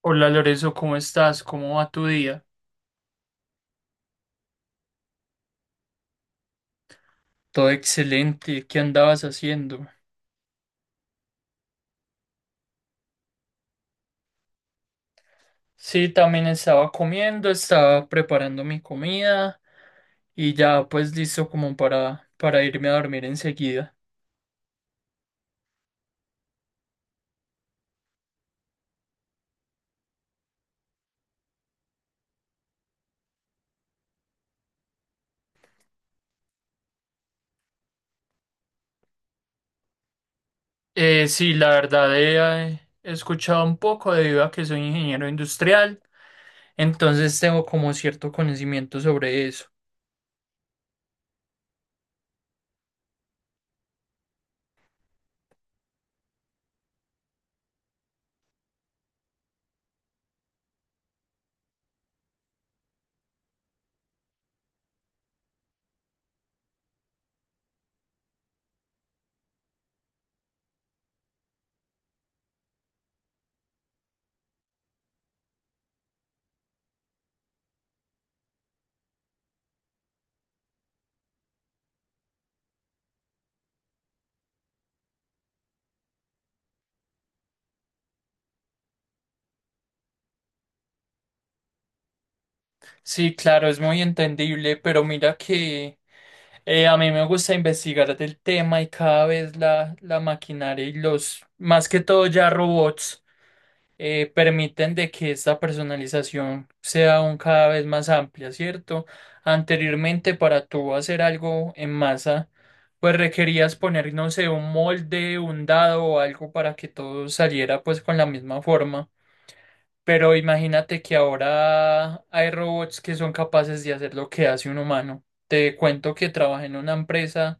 Hola Lorenzo, ¿cómo estás? ¿Cómo va tu día? Todo excelente. ¿Qué andabas haciendo? Sí, también estaba comiendo, estaba preparando mi comida y ya pues listo como para irme a dormir enseguida. Sí, la verdad he escuchado un poco debido a que soy ingeniero industrial, entonces tengo como cierto conocimiento sobre eso. Sí, claro, es muy entendible, pero mira que... A mí me gusta investigar del tema y cada vez la maquinaria y los, más que todo ya robots, permiten de que esta personalización sea aún cada vez más amplia, ¿cierto? Anteriormente para tú hacer algo en masa, pues requerías poner, no sé, un molde, un dado o algo para que todo saliera pues con la misma forma. Pero imagínate que ahora hay robots que son capaces de hacer lo que hace un humano. Te cuento que trabajé en una empresa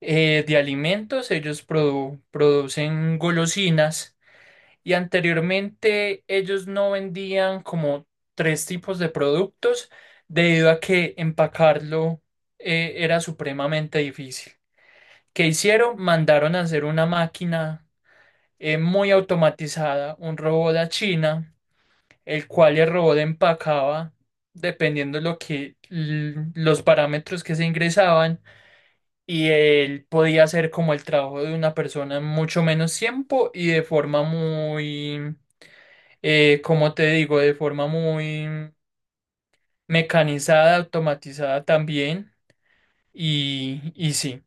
de alimentos, ellos producen golosinas y anteriormente ellos no vendían como tres tipos de productos debido a que empacarlo era supremamente difícil. ¿Qué hicieron? Mandaron a hacer una máquina muy automatizada, un robot a China, el cual el robot empacaba dependiendo lo que los parámetros que se ingresaban y él podía hacer como el trabajo de una persona en mucho menos tiempo y de forma muy, como te digo, de forma muy mecanizada, automatizada también. Y sí.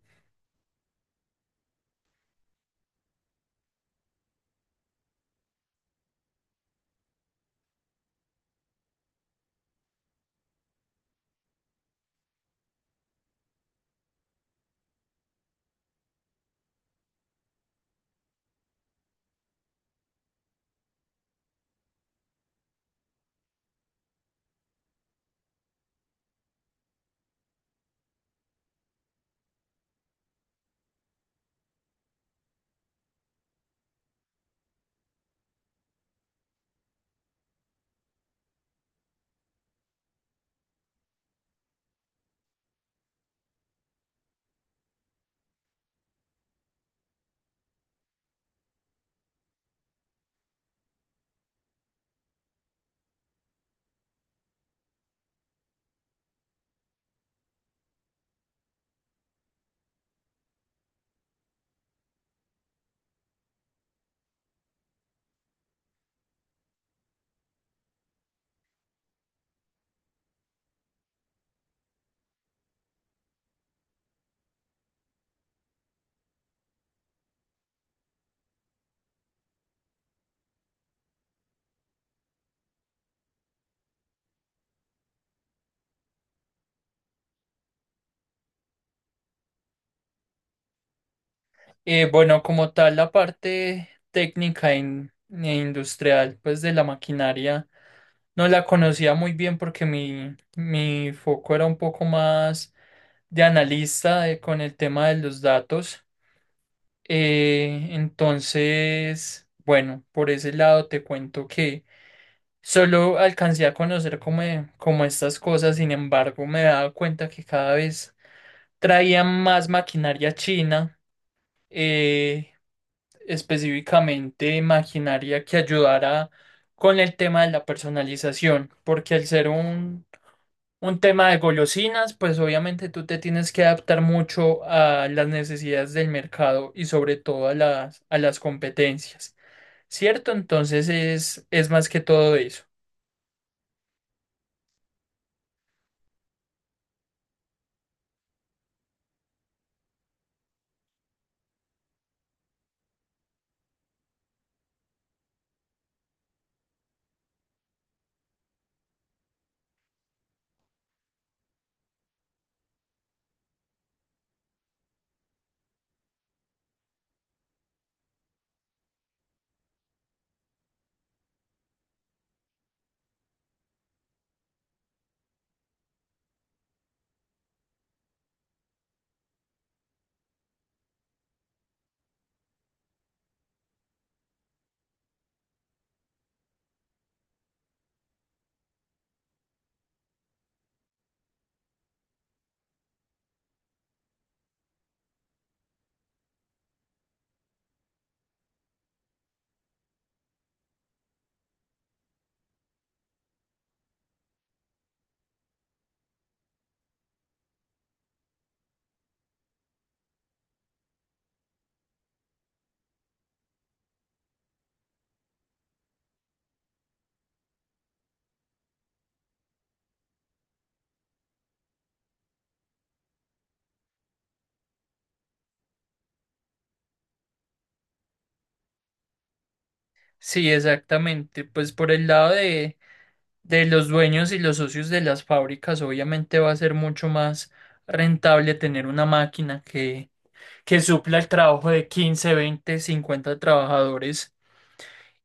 Bueno, como tal, la parte técnica e industrial, pues de la maquinaria, no la conocía muy bien porque mi foco era un poco más de analista, con el tema de los datos. Entonces, bueno, por ese lado te cuento que solo alcancé a conocer como, como estas cosas. Sin embargo, me he dado cuenta que cada vez traían más maquinaria china, eh, específicamente maquinaria que ayudara con el tema de la personalización, porque al ser un tema de golosinas, pues obviamente tú te tienes que adaptar mucho a las necesidades del mercado y sobre todo a a las competencias, ¿cierto? Entonces es más que todo eso. Sí, exactamente. Pues por el lado de los dueños y los socios de las fábricas, obviamente va a ser mucho más rentable tener una máquina que supla el trabajo de 15, 20, 50 trabajadores.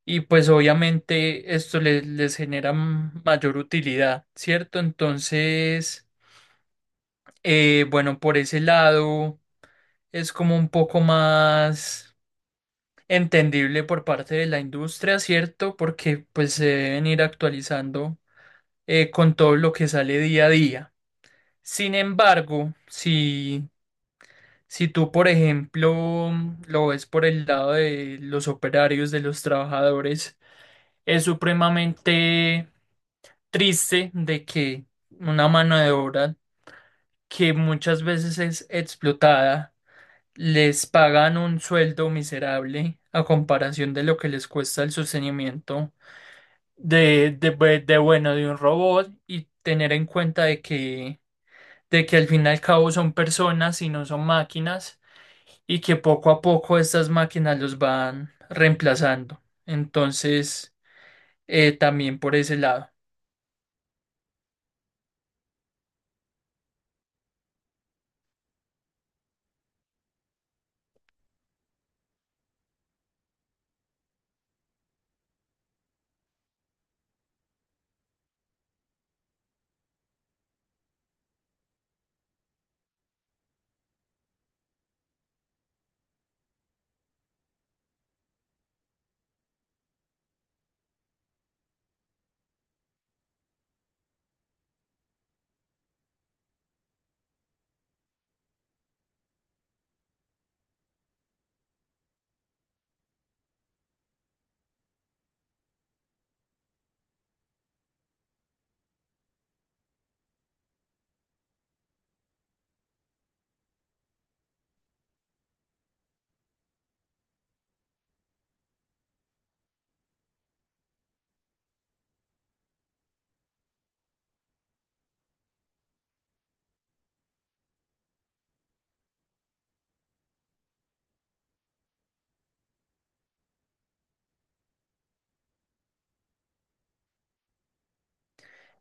Y pues obviamente esto les genera mayor utilidad, ¿cierto? Entonces, bueno, por ese lado es como un poco más entendible por parte de la industria, ¿cierto? Porque pues se deben ir actualizando con todo lo que sale día a día. Sin embargo, si tú, por ejemplo, lo ves por el lado de los operarios, de los trabajadores, es supremamente triste de que una mano de obra que muchas veces es explotada, les pagan un sueldo miserable a comparación de lo que les cuesta el sostenimiento bueno, de un robot, y tener en cuenta de que al fin y al cabo son personas y no son máquinas, y que poco a poco estas máquinas los van reemplazando. Entonces, también por ese lado.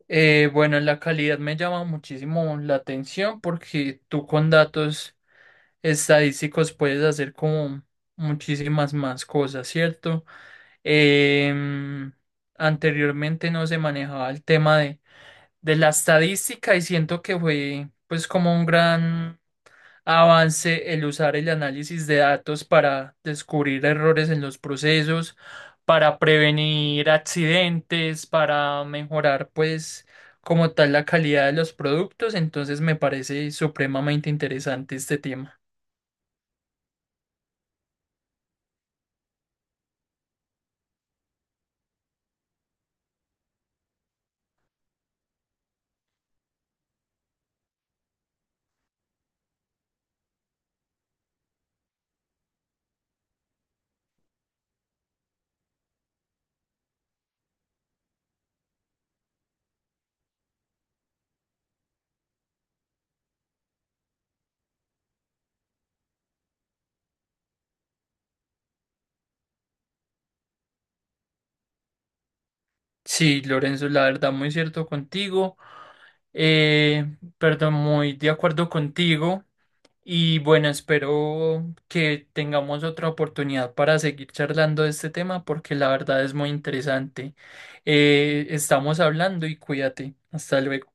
Bueno, la calidad me llama muchísimo la atención porque tú con datos estadísticos puedes hacer como muchísimas más cosas, ¿cierto? Em, Anteriormente no se manejaba el tema de la estadística y siento que fue pues como un gran avance el usar el análisis de datos para descubrir errores en los procesos, para prevenir accidentes, para mejorar pues como tal la calidad de los productos. Entonces me parece supremamente interesante este tema. Sí, Lorenzo, la verdad, muy cierto contigo. Eh, Perdón, muy de acuerdo contigo. Y bueno, espero que tengamos otra oportunidad para seguir charlando de este tema porque la verdad es muy interesante. Estamos hablando y cuídate. Hasta luego.